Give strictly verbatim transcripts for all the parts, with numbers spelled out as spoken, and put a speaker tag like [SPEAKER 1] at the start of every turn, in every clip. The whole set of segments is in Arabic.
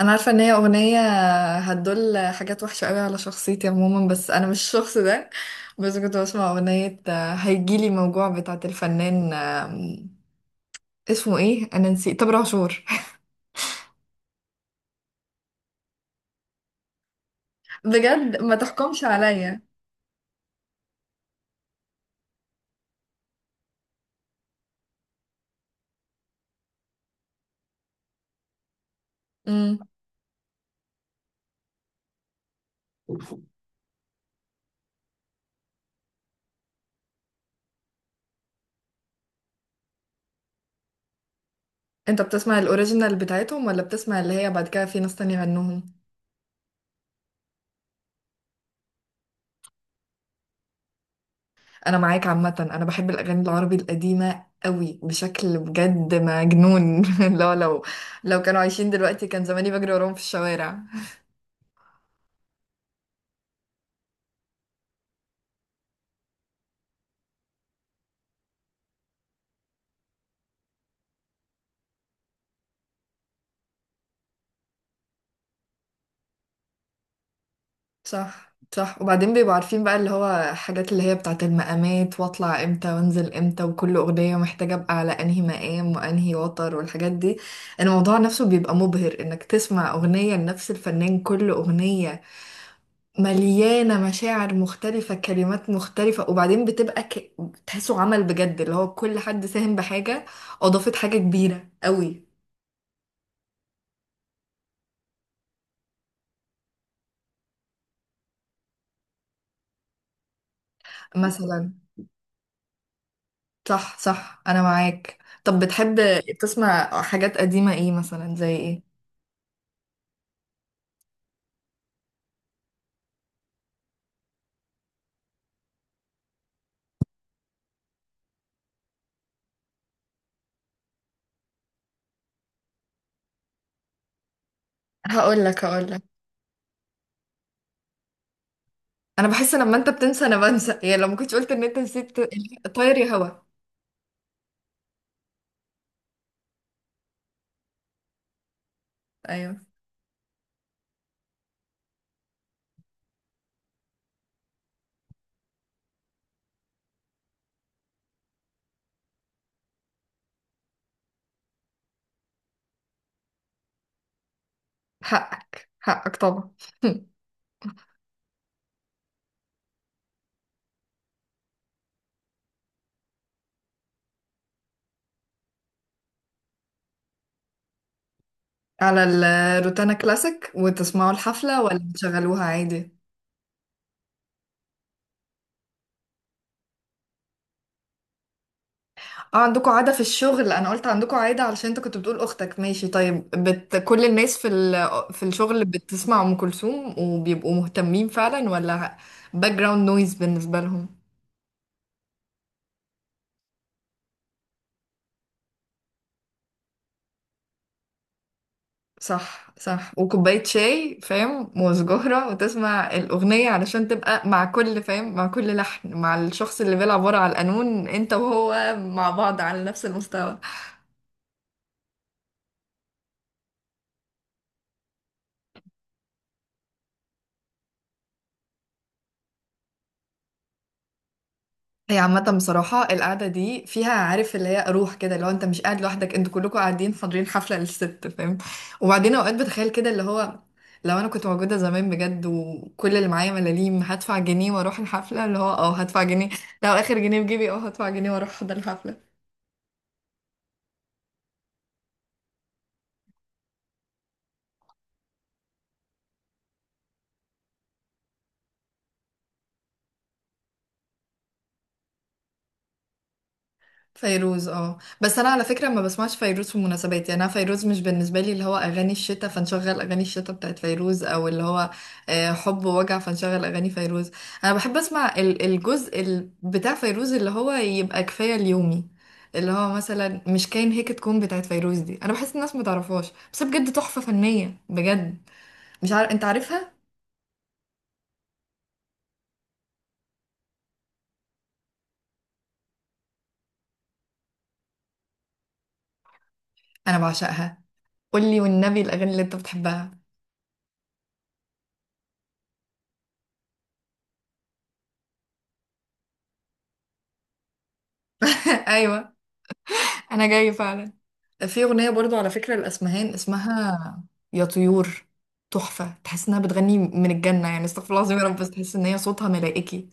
[SPEAKER 1] انا عارفه ان هي اغنيه هتدل حاجات وحشه قوي على شخصيتي عموما، بس انا مش الشخص ده. بس كنت بسمع اغنيه آه، هيجيلي موجوع بتاعه الفنان، آم، اسمه ايه، انا نسيت، تامر عاشور. بجد ما تحكمش عليا. امم. انت بتسمع الاوريجينال بتاعتهم ولا بتسمع اللي هي بعد كده في ناس تانية غنوهم؟ انا معاك. عامه انا بحب الاغاني العربي القديمه قوي بشكل بجد مجنون. لو لو لو كانوا عايشين دلوقتي كان زماني بجري وراهم في الشوارع. صح، صح، وبعدين بيبقوا عارفين بقى اللي هو حاجات اللي هي بتاعت المقامات، واطلع امتى وانزل امتى، وكل اغنية محتاجة ابقى على انهي مقام وانهي وتر والحاجات دي. الموضوع نفسه بيبقى مبهر، انك تسمع اغنية لنفس الفنان، كل اغنية مليانة مشاعر مختلفة، كلمات مختلفة. وبعدين بتبقى ك... تحسه عمل بجد، اللي هو كل حد ساهم بحاجة، اضافت حاجة كبيرة قوي. مثلا. صح، صح، انا معاك. طب بتحب تسمع حاجات قديمة، ايه مثلا، زي ايه؟ هقول لك هقول لك انا بحس لما انت بتنسى انا بنسى، يعني لو ما كنتش قلت ان انت نسيت. طاير يا هوا. ايوه. حقك، حقك طبعا. على الروتانا كلاسيك وتسمعوا الحفلة ولا بتشغلوها عادي؟ اه عندكم عادة في الشغل، انا قلت عندكم عادة علشان انت كنت بتقول اختك ماشي طيب، بت... كل الناس في ال... في الشغل بتسمع ام كلثوم وبيبقوا مهتمين فعلا ولا باك جراوند نويز بالنسبة لهم؟ صح، صح، وكوباية شاي فاهم وسجارة وتسمع الأغنية علشان تبقى مع كل فاهم، مع كل لحن، مع الشخص اللي بيلعب ورا على القانون انت وهو مع بعض على نفس المستوى. هي عامة بصراحة القعدة دي فيها، عارف، اللي هي روح كده، اللي هو انت مش قاعد لوحدك، انتوا كلكم قاعدين حاضرين حفلة للست، فاهم. وبعدين اوقات بتخيل كده اللي هو، لو انا كنت موجودة زمان بجد وكل اللي معايا ملاليم هدفع جنيه واروح الحفلة، اللي هو اه هدفع جنيه. لو اخر جنيه في جيبي اه هدفع جنيه واروح احضر الحفلة. فيروز، اه. بس انا على فكره ما بسمعش فيروز في مناسبات، يعني انا فيروز مش بالنسبه لي اللي هو اغاني الشتاء، فنشغل اغاني الشتاء بتاعت فيروز، او اللي هو آه، حب ووجع، فنشغل اغاني فيروز. انا بحب اسمع ال- الجزء ال- بتاع فيروز اللي هو يبقى كفايه اليومي، اللي هو مثلا مش كاين هيك تكون، بتاعت فيروز دي، انا بحس الناس ما تعرفهاش، بس بجد تحفه فنيه بجد. مش عارف انت عارفها. انا بعشقها. قولي والنبي الاغاني اللي انت بتحبها. ايوه. انا جاي فعلا. في أغنية برضو على فكرة الأسمهان اسمها يا طيور، تحفة، تحس إنها بتغني من الجنة، يعني استغفر الله العظيم يا رب، بس تحس إن هي صوتها ملائكي.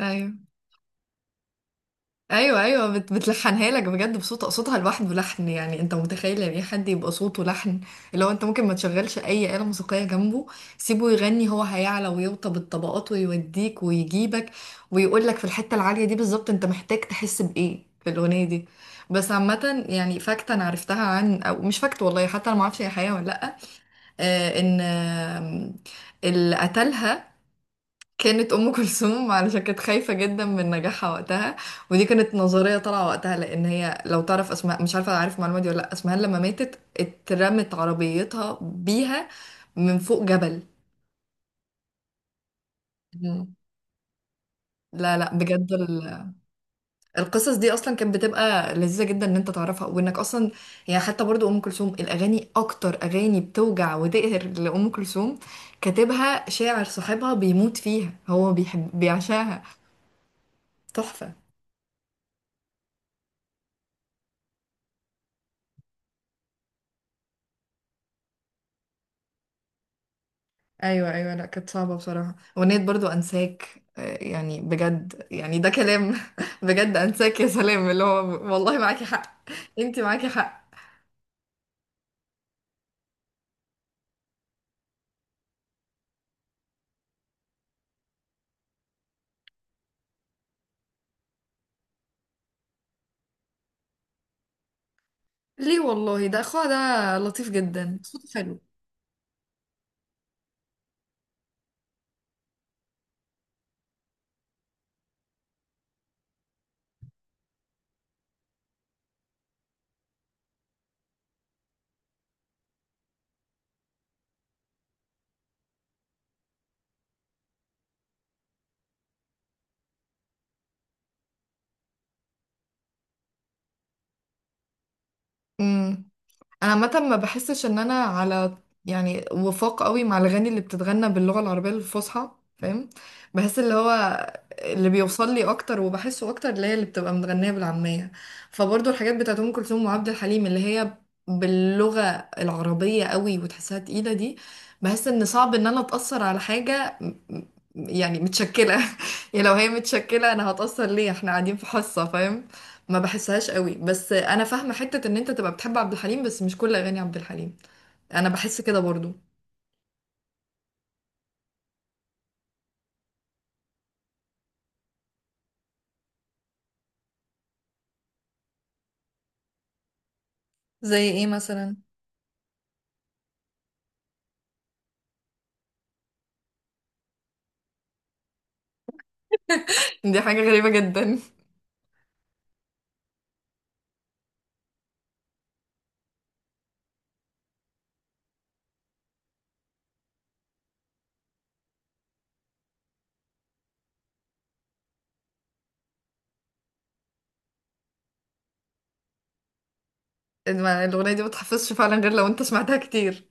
[SPEAKER 1] ايوه، ايوه، ايوه، بت بتلحنها لك بجد بصوت، صوتها لوحده لحن. يعني انت متخيل يعني ايه حد يبقى صوته لحن؟ لو انت ممكن ما تشغلش اي آلة موسيقية جنبه، سيبه يغني، هو هيعلى ويوطى الطبقات ويوديك ويجيبك، ويقول لك في الحتة العالية دي بالظبط انت محتاج تحس بايه في الأغنية دي. بس عامة يعني فاكت انا عرفتها عن، او مش فاكت والله، حتى انا ما اعرفش هي حقيقة ولا لا، آه ان آه اللي قتلها كانت ام كلثوم علشان كانت خايفه جدا من نجاحها وقتها. ودي كانت نظريه طالعه وقتها لان هي، لو تعرف اسماء، مش عارفه، عارف المعلومه دي ولا لا، اسمها لما ماتت اترمت عربيتها بيها من فوق جبل. مم. لا، لا، بجد ال- القصص دي اصلا كانت بتبقى لذيذه جدا ان انت تعرفها، وانك اصلا يعني، حتى برضو ام كلثوم الاغاني، اكتر اغاني بتوجع وتقهر لام كلثوم، كاتبها شاعر صاحبها بيموت فيها، هو بيحب، بيعشاها. تحفه. ايوه، ايوه، لا كانت صعبه بصراحه اغنيه، برضو انساك، آه، يعني بجد، يعني ده كلام. بجد انساك يا سلام، اللي هو والله معاكي حق، انتي معاكي حق. ليه والله، ده اخوها ده لطيف جدا صوته. حلو. انا عامه ما بحسش ان انا على، يعني، وفاق قوي مع الاغاني اللي بتتغنى باللغه العربيه الفصحى، فاهم. بحس اللي هو اللي بيوصل لي اكتر وبحسه اكتر اللي هي اللي بتبقى متغنيه بالعاميه. فبرضه الحاجات بتاعت ام كلثوم وعبد الحليم اللي هي باللغه العربيه قوي وتحسها تقيله دي، بحس ان صعب ان انا اتاثر على حاجه م- م- يعني متشكله. يعني لو هي متشكله انا هتاثر ليه، احنا قاعدين في حصه فاهم. ما بحسهاش قوي. بس انا فاهمه حته ان انت تبقى بتحب عبد الحليم بس مش كل اغاني عبد الحليم، انا بحس كده برضو. زي ايه مثلا؟ دي حاجه غريبه جدا. إن ما- الاغنيه دي ما تحفظش فعلا غير لو انت سمعتها كتير.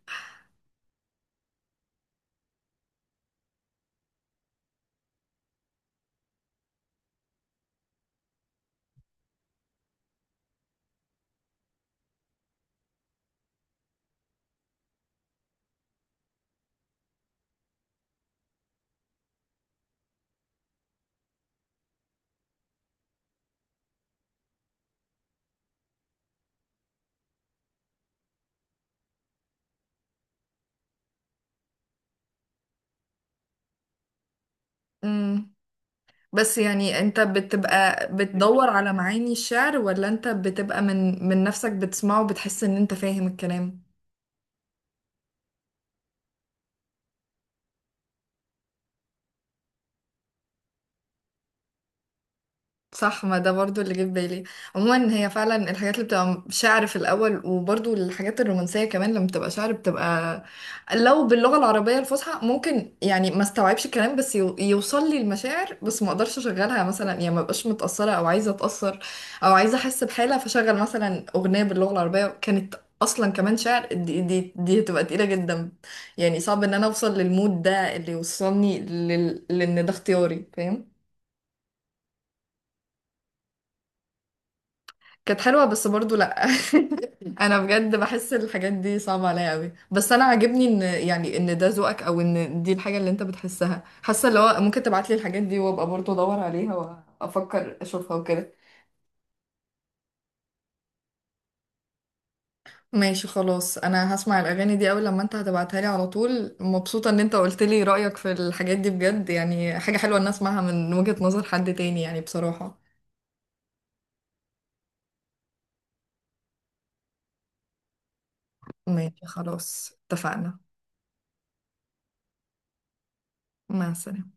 [SPEAKER 1] امم. بس يعني انت بتبقى بتدور على معاني الشعر، ولا انت بتبقى من من نفسك بتسمعه وبتحس ان انت فاهم الكلام؟ صح، ما ده برضو اللي جه في بالي. عموما هي فعلا الحاجات اللي بتبقى شعر في الاول، وبرضو الحاجات الرومانسيه كمان لما بتبقى شعر بتبقى، لو باللغه العربيه الفصحى ممكن يعني ما استوعبش الكلام، بس يو- يوصل لي المشاعر، بس ما اقدرش اشغلها مثلا، يعني ما بقاش متاثره او عايزه اتاثر او عايزه احس بحاله. فشغل مثلا اغنيه باللغه العربيه كانت اصلا كمان شعر، دي دي دي هتبقى تقيله جدا. يعني صعب ان انا اوصل للمود ده اللي يوصلني لل... لان ده اختياري فاهم. كانت حلوة بس برضو لأ. أنا بجد بحس الحاجات دي صعبة عليا أوي، بس أنا عاجبني إن، يعني إن ده ذوقك، أو إن دي الحاجة اللي أنت بتحسها، حاسة اللي هو ممكن تبعتلي الحاجات دي وأبقى برضو أدور عليها وأفكر أشوفها وكده. ماشي، خلاص. أنا هسمع الأغاني دي أول لما أنت هتبعتها لي على طول. مبسوطة إن أنت قلت لي رأيك في الحاجات دي، بجد يعني حاجة حلوة إن أسمعها من وجهة نظر حد تاني يعني بصراحة. ماشي، خلاص، اتفقنا. مع السلامة.